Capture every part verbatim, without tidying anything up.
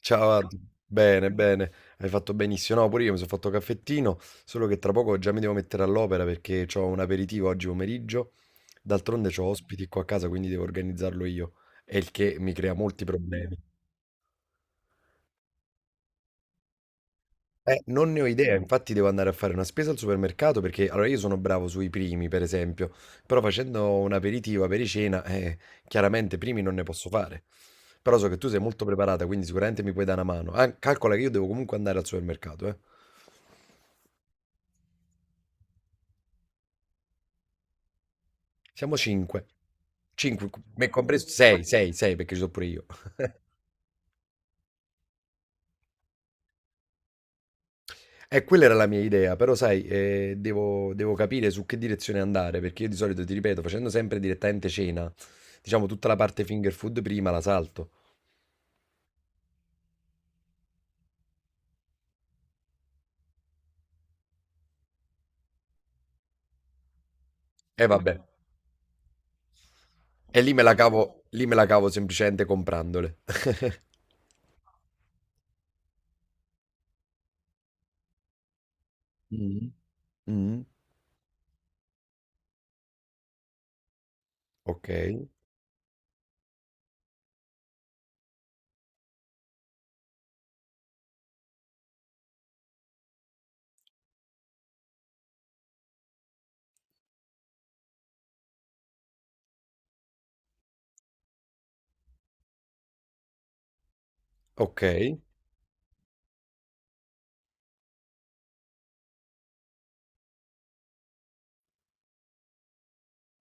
Ciao, Adu. Bene, bene, hai fatto benissimo. No, pure io mi sono fatto caffettino, solo che tra poco già mi devo mettere all'opera perché ho un aperitivo oggi pomeriggio. D'altronde ho ospiti qua a casa, quindi devo organizzarlo io, e il che mi crea molti problemi. Eh, non ne ho idea, infatti devo andare a fare una spesa al supermercato perché allora io sono bravo sui primi, per esempio, però facendo un aperitivo, apericena, eh, chiaramente primi non ne posso fare. Però so che tu sei molto preparata, quindi sicuramente mi puoi dare una mano. Ah, calcola che io devo comunque andare al supermercato, eh. Siamo cinque. Cinque, me compreso, sei, sei, sei, perché ci sono pure io. E quella era la mia idea, però sai, eh, devo, devo capire su che direzione andare, perché io di solito, ti ripeto, facendo sempre direttamente cena, diciamo tutta la parte finger food prima la salto. E vabbè, e lì me la cavo, lì me la cavo semplicemente comprandole. Mm. Mm, ok, ok.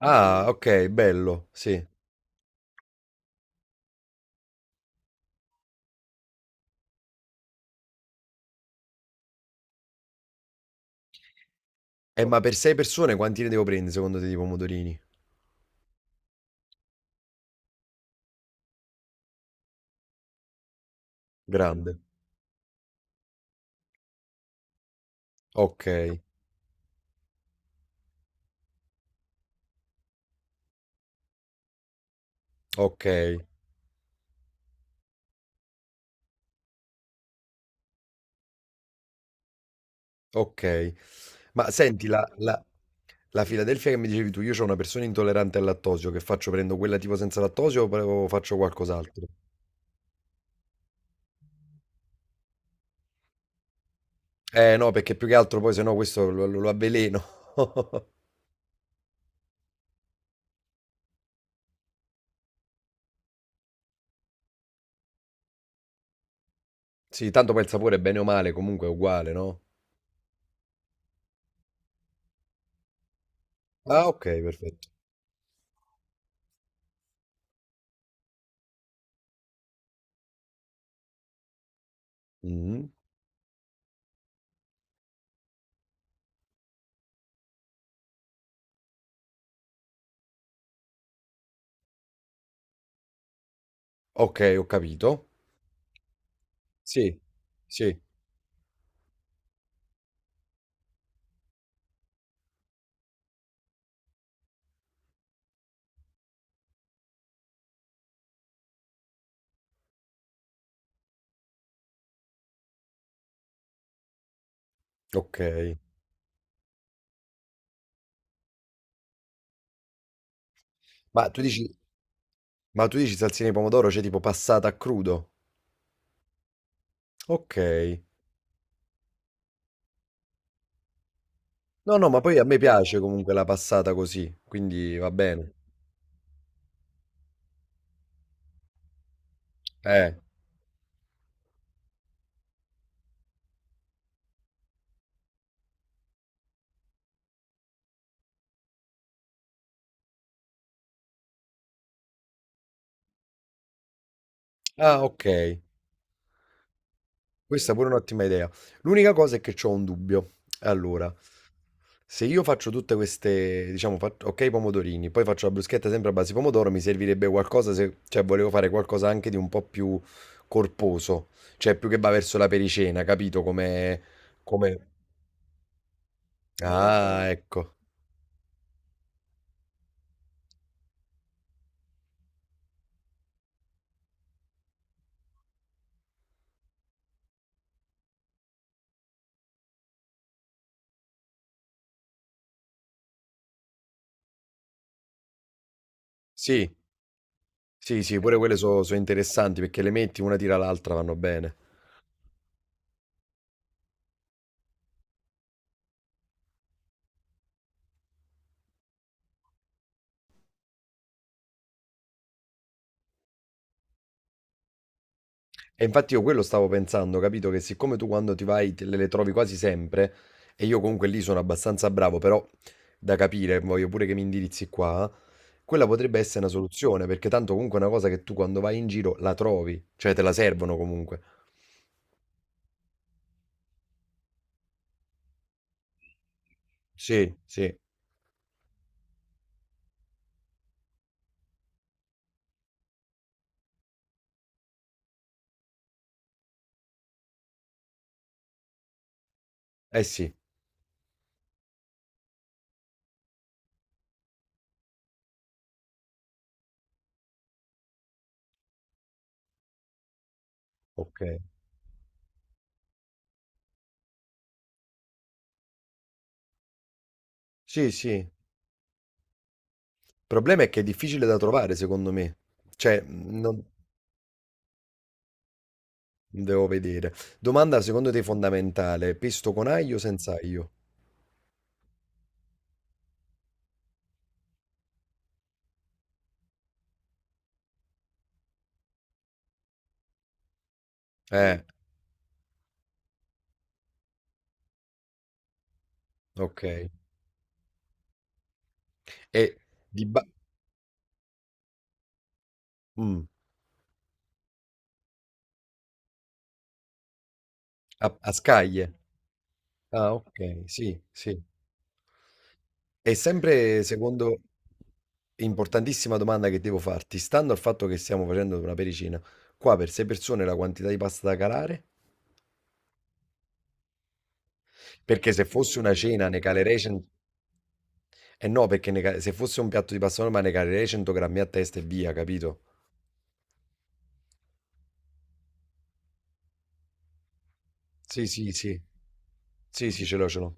Ah, ok, bello, sì. E ma per sei persone quanti ne devo prendere secondo te di pomodorini? Grande. Ok, ok. Okay. Ma senti la la la Philadelphia che mi dicevi tu, io c'ho una persona intollerante al lattosio, che faccio? Prendo quella tipo senza lattosio o pre o faccio qualcos'altro? Eh no, perché più che altro poi se no questo lo lo lo avveleno. Sì, tanto poi il sapore bene o male comunque è uguale, no? Ah, okay, perfetto. Mh-mh. Okay, ho capito. Sì, sì, okay. Ma tu dici ma tu dici salsina di pomodoro, cioè tipo passata a crudo? Okay. No, no, ma poi a me piace comunque la passata così, quindi va bene. Eh, ah, ok. Questa è pure un'ottima idea. L'unica cosa è che ho un dubbio. Allora, se io faccio tutte queste, diciamo, fa- ok, pomodorini, poi faccio la bruschetta sempre a base di pomodoro, mi servirebbe qualcosa se, cioè, volevo fare qualcosa anche di un po' più corposo, cioè più che va verso la pericena, capito? Come, come... Ah, ecco. Sì, sì, sì, pure quelle sono interessanti perché le metti una tira l'altra, vanno bene. E infatti io quello stavo pensando, capito? Che siccome tu quando ti vai te le, le trovi quasi sempre, e io comunque lì sono abbastanza bravo, però da capire, voglio pure che mi indirizzi qua, quella potrebbe essere una soluzione, perché tanto comunque è una cosa che tu quando vai in giro la trovi, cioè te la servono comunque. Sì, sì, eh sì, ok. Sì, sì. Il problema è che è difficile da trovare, secondo me. Cioè, mhmm, non devo vedere. Domanda secondo te fondamentale, pesto con aglio o senza aglio? Eh, ok. E di ba- Mh, a a scaglie. Ah, okay, sì, sì. E sempre secondo importantissima domanda che devo farti, stando al fatto che stiamo facendo una pericina, qua per sei persone la quantità di pasta da calare? Perché se fosse una cena ne calerei cen eh no, perché ne ca se fosse un piatto di pasta normale ne calerei cento grammi a testa e via, capito? Sì, sì, sì. Sì, sì, ce l'ho, ce l'ho.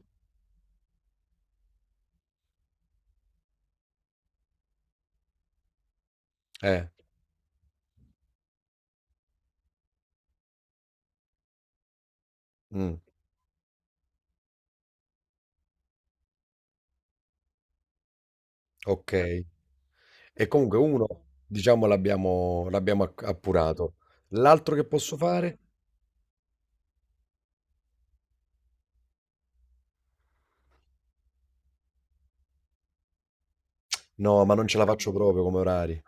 Eh, mh, okay. E comunque uno diciamo l'abbiamo l'abbiamo acc appurato. L'altro che posso fare? No, ma non ce la faccio proprio come orari.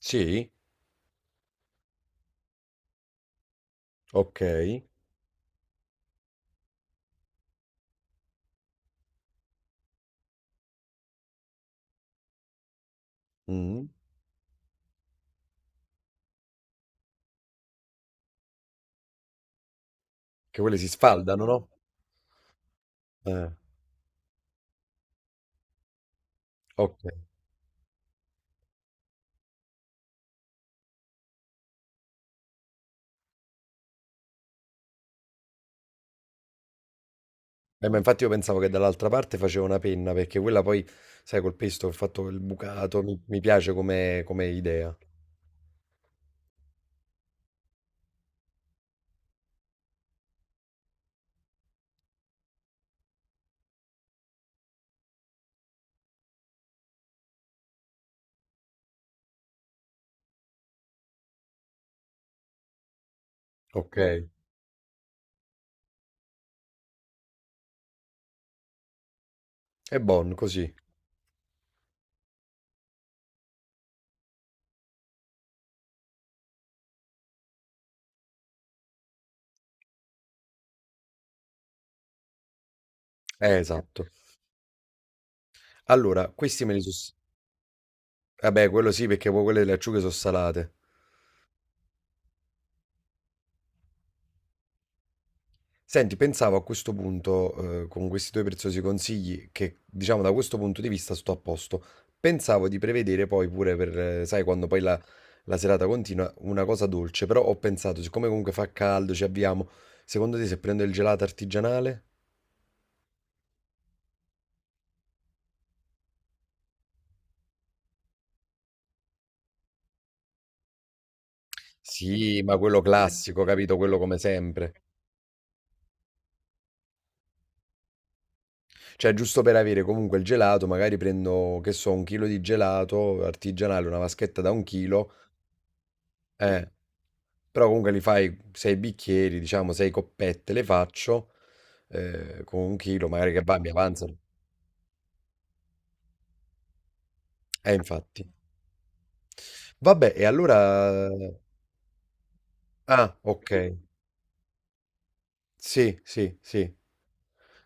Sì? Ok. Mm. Che quelle si sfaldano, no? Eh, ok. Eh, ma infatti io pensavo che dall'altra parte facevo una penna, perché quella poi, sai, col pesto ho fatto il bucato, mi, mi piace come, come idea. Ok. È buono così. Eh, esatto. Allora, questi me li sono... Vabbè, quello sì, perché poi quelle delle acciughe sono salate. Senti, pensavo a questo punto, eh, con questi tuoi preziosi consigli, che diciamo da questo punto di vista sto a posto. Pensavo di prevedere poi pure per, eh, sai, quando poi la, la serata continua, una cosa dolce, però ho pensato, siccome comunque fa caldo, ci abbiamo, secondo te se prendo il gelato artigianale? Sì, ma quello classico, capito? Quello come sempre. Cioè, giusto per avere comunque il gelato, magari prendo, che so, un chilo di gelato artigianale, una vaschetta da un chilo. Eh, Però comunque li fai sei bicchieri, diciamo sei coppette le faccio, eh, con un chilo magari che va, mi avanzano. Eh, infatti. Vabbè, e allora... Ah, ok. Sì, sì, sì.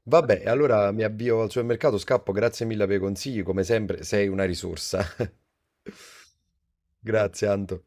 Vabbè, e allora mi avvio al supermercato, scappo, grazie mille per i consigli, come sempre sei una risorsa. Grazie, Anto.